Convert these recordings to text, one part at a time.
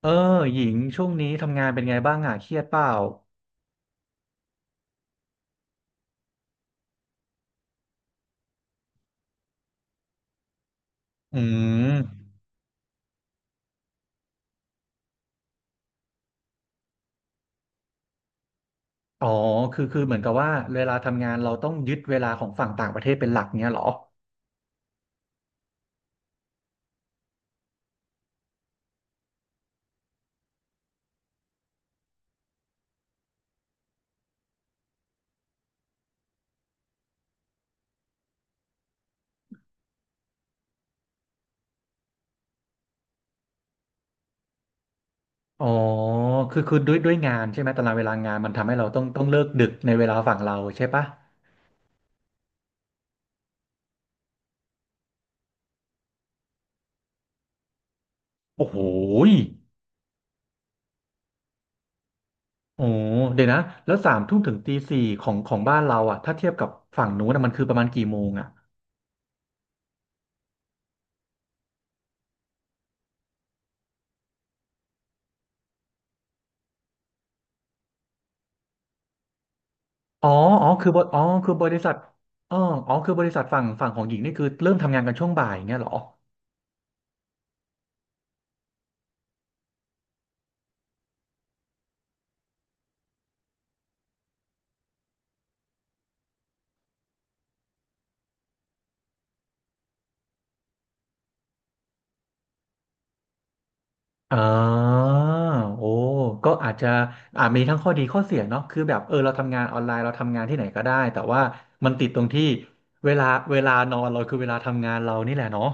เออหญิงช่วงนี้ทำงานเป็นไงบ้างอ่ะเครียดเปล่าอืมอ๋อคือเหมือนกับว่าเวลาทำงานเราต้องยึดเวลาของฝั่งต่างประเทศเป็นหลักเนี้ยเหรออ๋อคือด้วยงานใช่ไหมตารางเวลางานมันทำให้เราต้องเลิกดึกในเวลาฝั่งเราใช่ปะโอ้โหยโอ้เดี๋ยวนะแล้วสามทุ่มถึงตีสี่ของบ้านเราอ่ะถ้าเทียบกับฝั่งนู้นนะมันคือประมาณกี่โมงอ่ะอ๋ออ๋อคือบริษัทอ๋ออ๋อคือบริษัทฝั่งของหญิงนี่คือเริ่มทำงานกันช่วงบ่ายเงี้ยเหรอ อ่าโอ้ก็อาจจะอ่ามีทั้งข้อดีข้อเสียเนาะคือแบบเออเราทำงานออนไลน์เราทำงานที่ไหนก็ได้แต่ว่ามันติดตรงที่เวลาเวลานอนเราคือเวลาทำงานเรานี่แหละเนาะ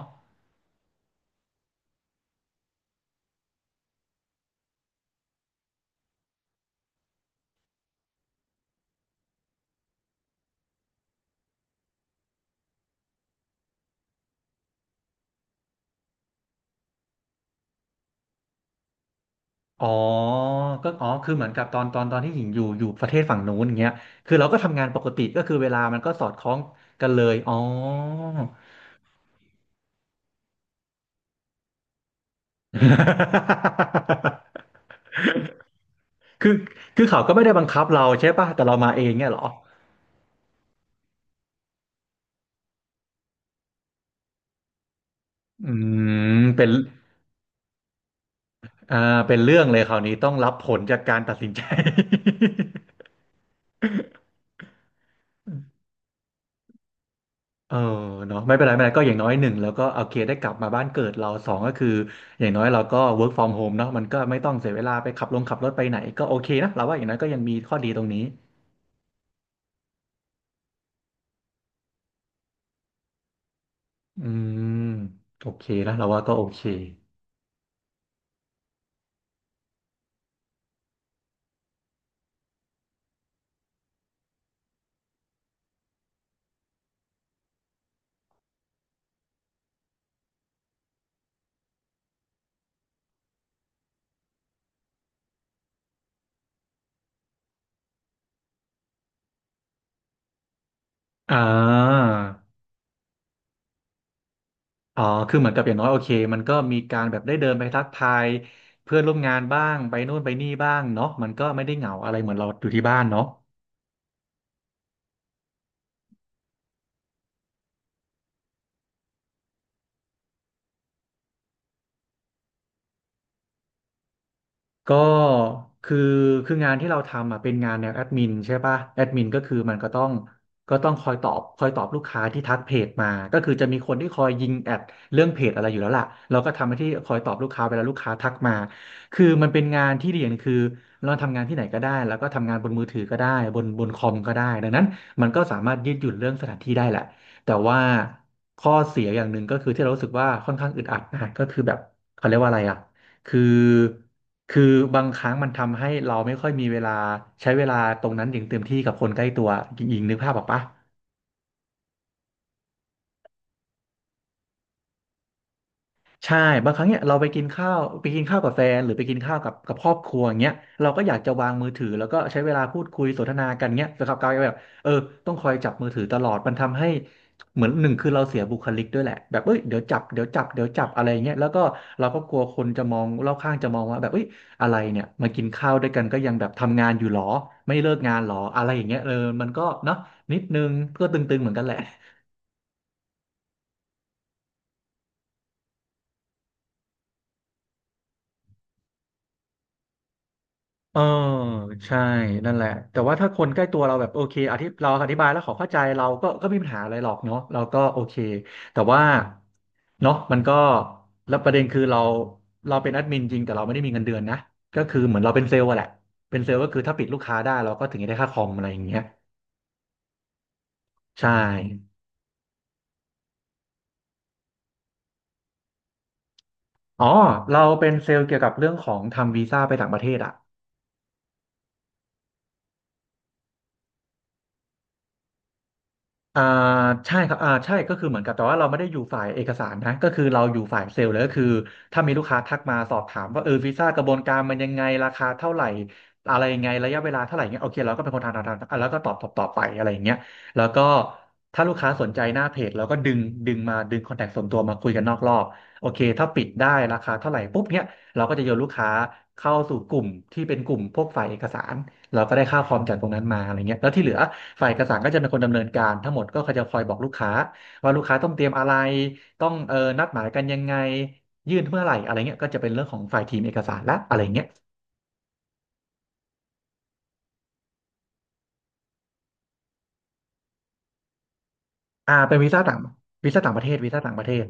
อ๋อก็อ๋อคือเหมือนกับตอนที่หญิงอยู่ประเทศฝั่งนู้นอย่างเงี้ยคือเราก็ทำงานปกติก็คือเวลามันก็สอดคล้องกันเลยอ๋อ คือคือเขาก็ไม่ได้บังคับเราใช่ป่ะแต่เรามาเองเนี่ยเหรออืมเป็น อ่าเป็นเรื่องเลยคราวนี้ต้องรับผลจากการตัดสินใจ เออเนาะไม่เป็นไรก็อย่างน้อยหนึ่งแล้วก็โอเคได้กลับมาบ้านเกิดเราสองก็คืออย่างน้อยเราก็ work from home เนาะมันก็ไม่ต้องเสียเวลาไปขับรถไปไหนก็โอเคนะเราว่าอย่างน้อยก็ยังมีข้อดีตรงนี้อืมโอเคนะเราว่าก็โอเคอ่าอ๋อคือเหมือนกับอย่างน้อยโอเคมันก็มีการแบบได้เดินไปทักทายเพื่อนร่วมงานบ้างไปนู่นไปนี่บ้างเนาะมันก็ไม่ได้เหงาอะไรเหมือนเราอยู่ที่บ้านเนาะ ก็คือคืองานที่เราทำอ่ะเป็นงานแนวแอดมินใช่ป่ะแอดมินก็คือมันก็ต้องคอยตอบลูกค้าที่ทักเพจมาก็คือจะมีคนที่คอยยิงแอดเรื่องเพจอะไรอยู่แล้วล่ะเราก็ทำหน้าที่คอยตอบลูกค้าเวลาลูกค้าทักมาคือมันเป็นงานที่ดีอย่างหนึ่งคือเราทำงานที่ไหนก็ได้แล้วก็ทำงานบนมือถือก็ได้บนคอมก็ได้ดังนั้นมันก็สามารถยืดหยุ่นเรื่องสถานที่ได้แหละแต่ว่าข้อเสียอย่างหนึ่งก็คือที่เรารู้สึกว่าค่อนข้างอึดอัดนะก็คือแบบเขาเรียกว่าอะไรอ่ะคือ คือบางครั้งมันทำให้เราไม่ค่อยมีเวลาใช้เวลาตรงนั้นอย่างเต็มที่กับคนใกล้ตัวหญิงๆนึกภาพออกปะ ใช่บางครั้งเนี่ยเราไปกินข้าวกับแฟนหรือไปกินข้าวกับครอบครัวอย่างเงี้ยเราก็อยากจะวางมือถือแล้วก็ใช้เวลาพูดคุยสนทนากันเงี้ยแต่กับกลายเป็นแบบเออต้องคอยจับมือถือตลอดมันทำให้เหมือนหนึ่งคือเราเสียบุคลิกด้วยแหละแบบเอ้ยเดี๋ยวจับอะไรเงี้ยแล้วก็เราก็กลัวคนจะมองรอบข้างจะมองว่าแบบเอ้ยอะไรเนี่ยมากินข้าวด้วยกันก็ยังแบบทำงานอยู่หรอไม่เลิกงานหรออะไรอย่างเงี้ยเออมันก็เนาะนิดนึงก็ตึงๆเหมือนกันแหละ เออใช่นั่นแหละแต่ว่าถ้าคนใกล้ตัวเราแบบโอเคเราอธิบายแล้วเขอเข้าใจเราก็ไม่มีปัญหาอะไรหรอกเนาะเราก็โอเคแต่ว่าเนาะมันก็แล้วประเด็นคือเราเป็นแอดมินจริงแต่เราไม่ได้มีเงินเดือนนะก็คือเหมือนเราเป็นเซลล์อะแหละเป็นเซลล์ก็คือถ้าปิดลูกค้าได้เราก็ถึงจะได้ค่าคอมอะไรอย่างเงี้ยใช่อ๋อเราเป็นเซลล์เกี่ยวกับเรื่องของทำวีซ่าไปต่างประเทศอะ อ่าใช่ครับอ่าใช่ก็คือเหมือนกับแต่ว่าเราไม่ได้อยู่ฝ่ายเอกสารนะก็คือเราอยู่ฝ่ายเซลล์เลยก็คือถ้ามีลูกค้าทักมาสอบถามว่าเออวีซ่ากระบวนการมันยังไงราคาเท่าไหร่อะไรยังไงระยะเวลาเท่าไหร่เงี้ยโอเคเราก็เป็นคนทำอ่ะแล้วก็ตอบไปอะไรอย่างเงี้ยแล้วก็ถ้าลูกค้าสนใจหน้าเพจเราก็ดึงมาดึงคอนแทคส่วนตัวมาคุยกันนอกรอบโอเคถ้าปิดได้ราคาเท่าไหร่ปุ๊บเนี้ยเราก็จะโยนลูกค้าเข้าสู่กลุ่มที่เป็นกลุ่มพวกฝ่ายเอกสารเราก็ได้ค่าคอมจากตรงนั้นมาอะไรเงี้ยแล้วที่เหลือ ฝ่ายเอกสารก็จะเป็นคนดำเนินการทั้งหมดก็เขาจะคอยบอกลูกค้าว่าลูกค้าต้องเตรียมอะไรต้องเออนัดหมายกันยังไงยื่นเมื่อไหร่อะไรเงี้ยก็จะเป็นเรื่องของฝ่ายทีมเอกสารละอะไรเงี้ยเป็นวีซ่าต่างวีซ่าต่างประเทศวีซ่าต่างประเทศ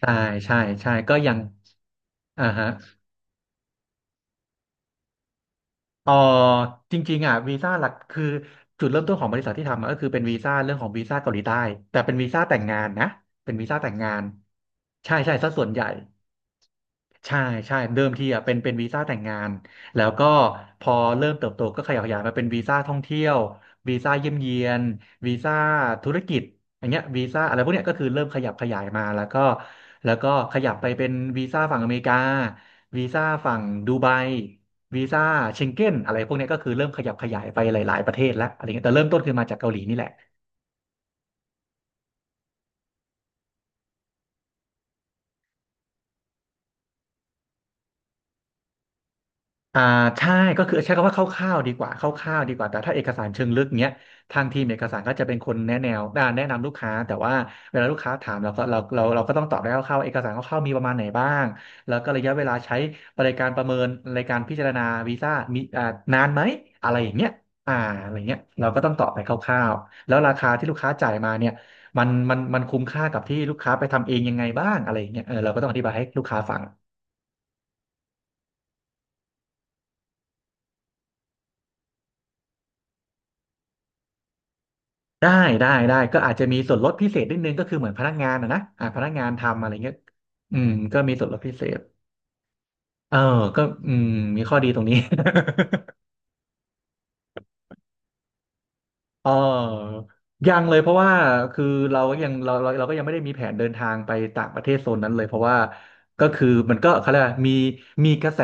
ใช่ใช่ใช่ก็ยังอ่าฮะเอ๋อจริงๆอ่ะวีซ่าหลักคือจุดเริ่มต้นของบริษัทที่ทำอะก็คือเป็นวีซ่าเรื่องของวีซ่าเกาหลีใต้แต่เป็นวีซ่าแต่งงานนะเป็นวีซ่าแต่งงานใช่ใช่ซะส่วนใหญ่ ใช่ใช่เดิมทีอ่ะเป็นวีซ่าแต่งงานแล้วก็พอเริ่มเติบโตก็ขยับขยายมาเป็นวีซ่าท่องเที่ยววีซ่าเยี่ยมเยียนวีซ่าธุรกิจอย่างเงี้ยวีซ่าอะไรพวกเนี้ยก็คือเริ่มขยับขยายมาแล้วก็แล้วก็ขยับไปเป็นวีซ่าฝั่งอเมริกาวีซ่าฝั่งดูไบวีซ่าเชงเก้นอะไรพวกเนี้ยก็คือเริ่มขยับขยายไปหลายๆประเทศแล้วอะไรเงี้ยแต่เริ่มต้นคือมาจากเกาหลีนี่แหละ อ่าใช่ก็คือใช้คำว่าคร่าวๆดีกว่าคร่าวๆดีกว่าแต่ถ้าเอกสารเชิงลึกเนี้ยทางทีมเอกสารก็จะเป็นคนแนะแนวแนะนำลูกค้าแต่ว่าเวลาลูกค้าถามเราก็เราก็ต้องตอบได้คร่าวๆเอกสารคร่าวๆมีประมาณไหนบ้างแล้วก็ระยะเวลาใช้บริการประเมินในการพิจารณาวีซ่ามีอ่านานไหมอะไรอย่างเงี้ยอ่าอะไรเงี้ยเราก็ต้องตอบไปคร่าวๆแล้วราคาที่ลูกค้าจ่ายมาเนี่ยมันคุ้มค่ากับที่ลูกค้าไปทำเองยังไงบ้างอะไรอย่างเงี้ยเออเราก็ต้องอธิบายให้ลูกค้าฟัง ได้ได้ได้ก็อาจจะมีส่วนลดพิเศษนิดนึงก็คือเหมือนพนักงานอะนะพนักงานทำอะไรเงี้ยก็มีส่วนลดพิเศษเออก็อืมมีข้อดีตรงนี้ เออยังเลยเพราะว่าคือเราก็ยังเราก็ยังไม่ได้มีแผนเดินทางไปต่างประเทศโซนนั้นเลยเพราะว่าก็คือมันก็เขาเรียกว่ามีมี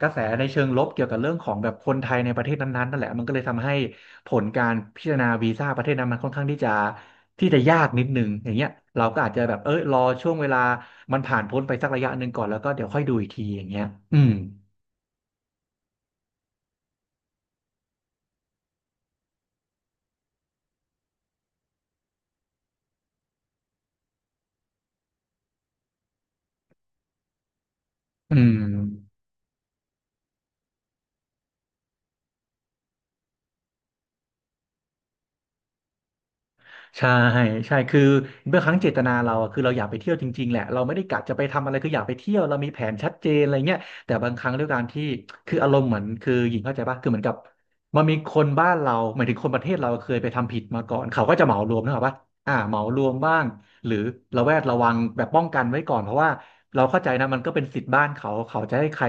กระแสในเชิงลบเกี่ยวกับเรื่องของแบบคนไทยในประเทศนั้นๆนั่นแหละมันก็เลยทำให้ผลการพิจารณาวีซ่าประเทศนั้นมันค่อนข้างที่จะที่จะยากนิดนึงอย่างเงี้ยเราก็อาจจะแบบเอ้ยรอช่วงเวลามันผ่านพ้นไปสักระยะหนึ่งก่อนแล้วก็เดี๋ยวค่อยดูอีกทีอย่างเงี้ยอืมอืม ใช่ใช่คือเมื่อครั้งเจตนาเราอะคือเราอยากไปเที่ยวจริงๆแหละเราไม่ได้กะจะไปทำอะไรคืออยากไปเที่ยวเรามีแผนชัดเจนอะไรเงี้ยแต่บางครั้งด้วยการที่คืออารมณ์เหมือนคือหญิงเข้าใจป่ะคือเหมือนกับมันมีคนบ้านเราหมายถึงคนประเทศเราเคยไปทำผิดมาก่อนเขาก็จะเหมารวมนะครับว่าเหมารวมบ้างหรือระแวดระวังแบบป้องกันไว้ก่อนเพราะว่าเราเข้าใจนะมันก็เป็นสิทธิ์บ้านเขาเขาจะให้ใคร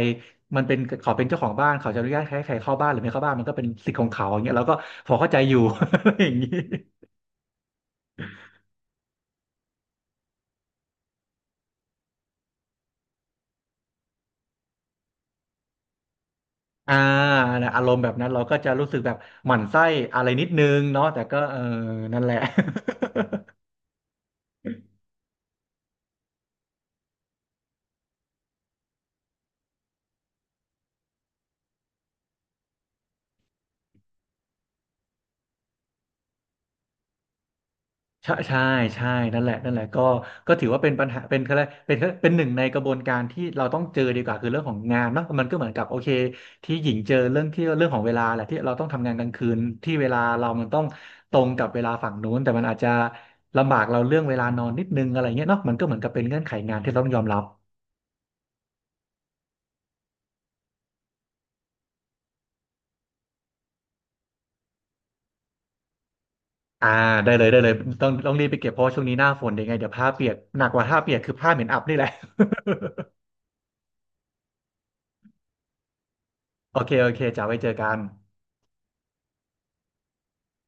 มันเป็นเขาเป็นเจ้าของบ้านเขาจะอนุญาตให้ใครเข้าบ้านหรือไม่เข้าบ้านมันก็เป็นสิทธิ์ของเขาอย่างเงี้ยเราก็พอเข้าใจอยู่ ออย่างนี้ อ่านะอารมณ์แบบนั้นเราก็จะรู้สึกแบบหมั่นไส้อะไรนิดนึงเนาะแต่ก็เออนั่นแหละ ใช่ใช่ใช่นั่นแหละนั่นแหละก็ก็ถือว่าเป็นปัญหาเป็นอะไรเป็นหนึ่งในกระบวนการที่เราต้องเจอดีกว่าคือเรื่องของงานเนาะมันก็เหมือนกับโอเคที่หญิงเจอเรื่องที่เรื่องของเวลาแหละที่เราต้องทำงานกลางคืนที่เวลาเรามันต้องตรงกับเวลาฝั่งนู้นแต่มันอาจจะลำบากเราเรื่องเวลานอนนิดนึงอะไรเงี้ยเนาะมันก็เหมือนกับเป็นเงื่อนไขงานที่เราต้องยอมรับ อ่าได้เลยได้เลยต้องรีบไปเก็บเพราะว่าช่วงนี้หน้าฝนยดงไงเดี๋ยวผ้าเปียกหนักกว่าผ้าเปียกคือผ้าเหม็นอับนี่แหละ โอเคโอเคจะาไว้เจอกัน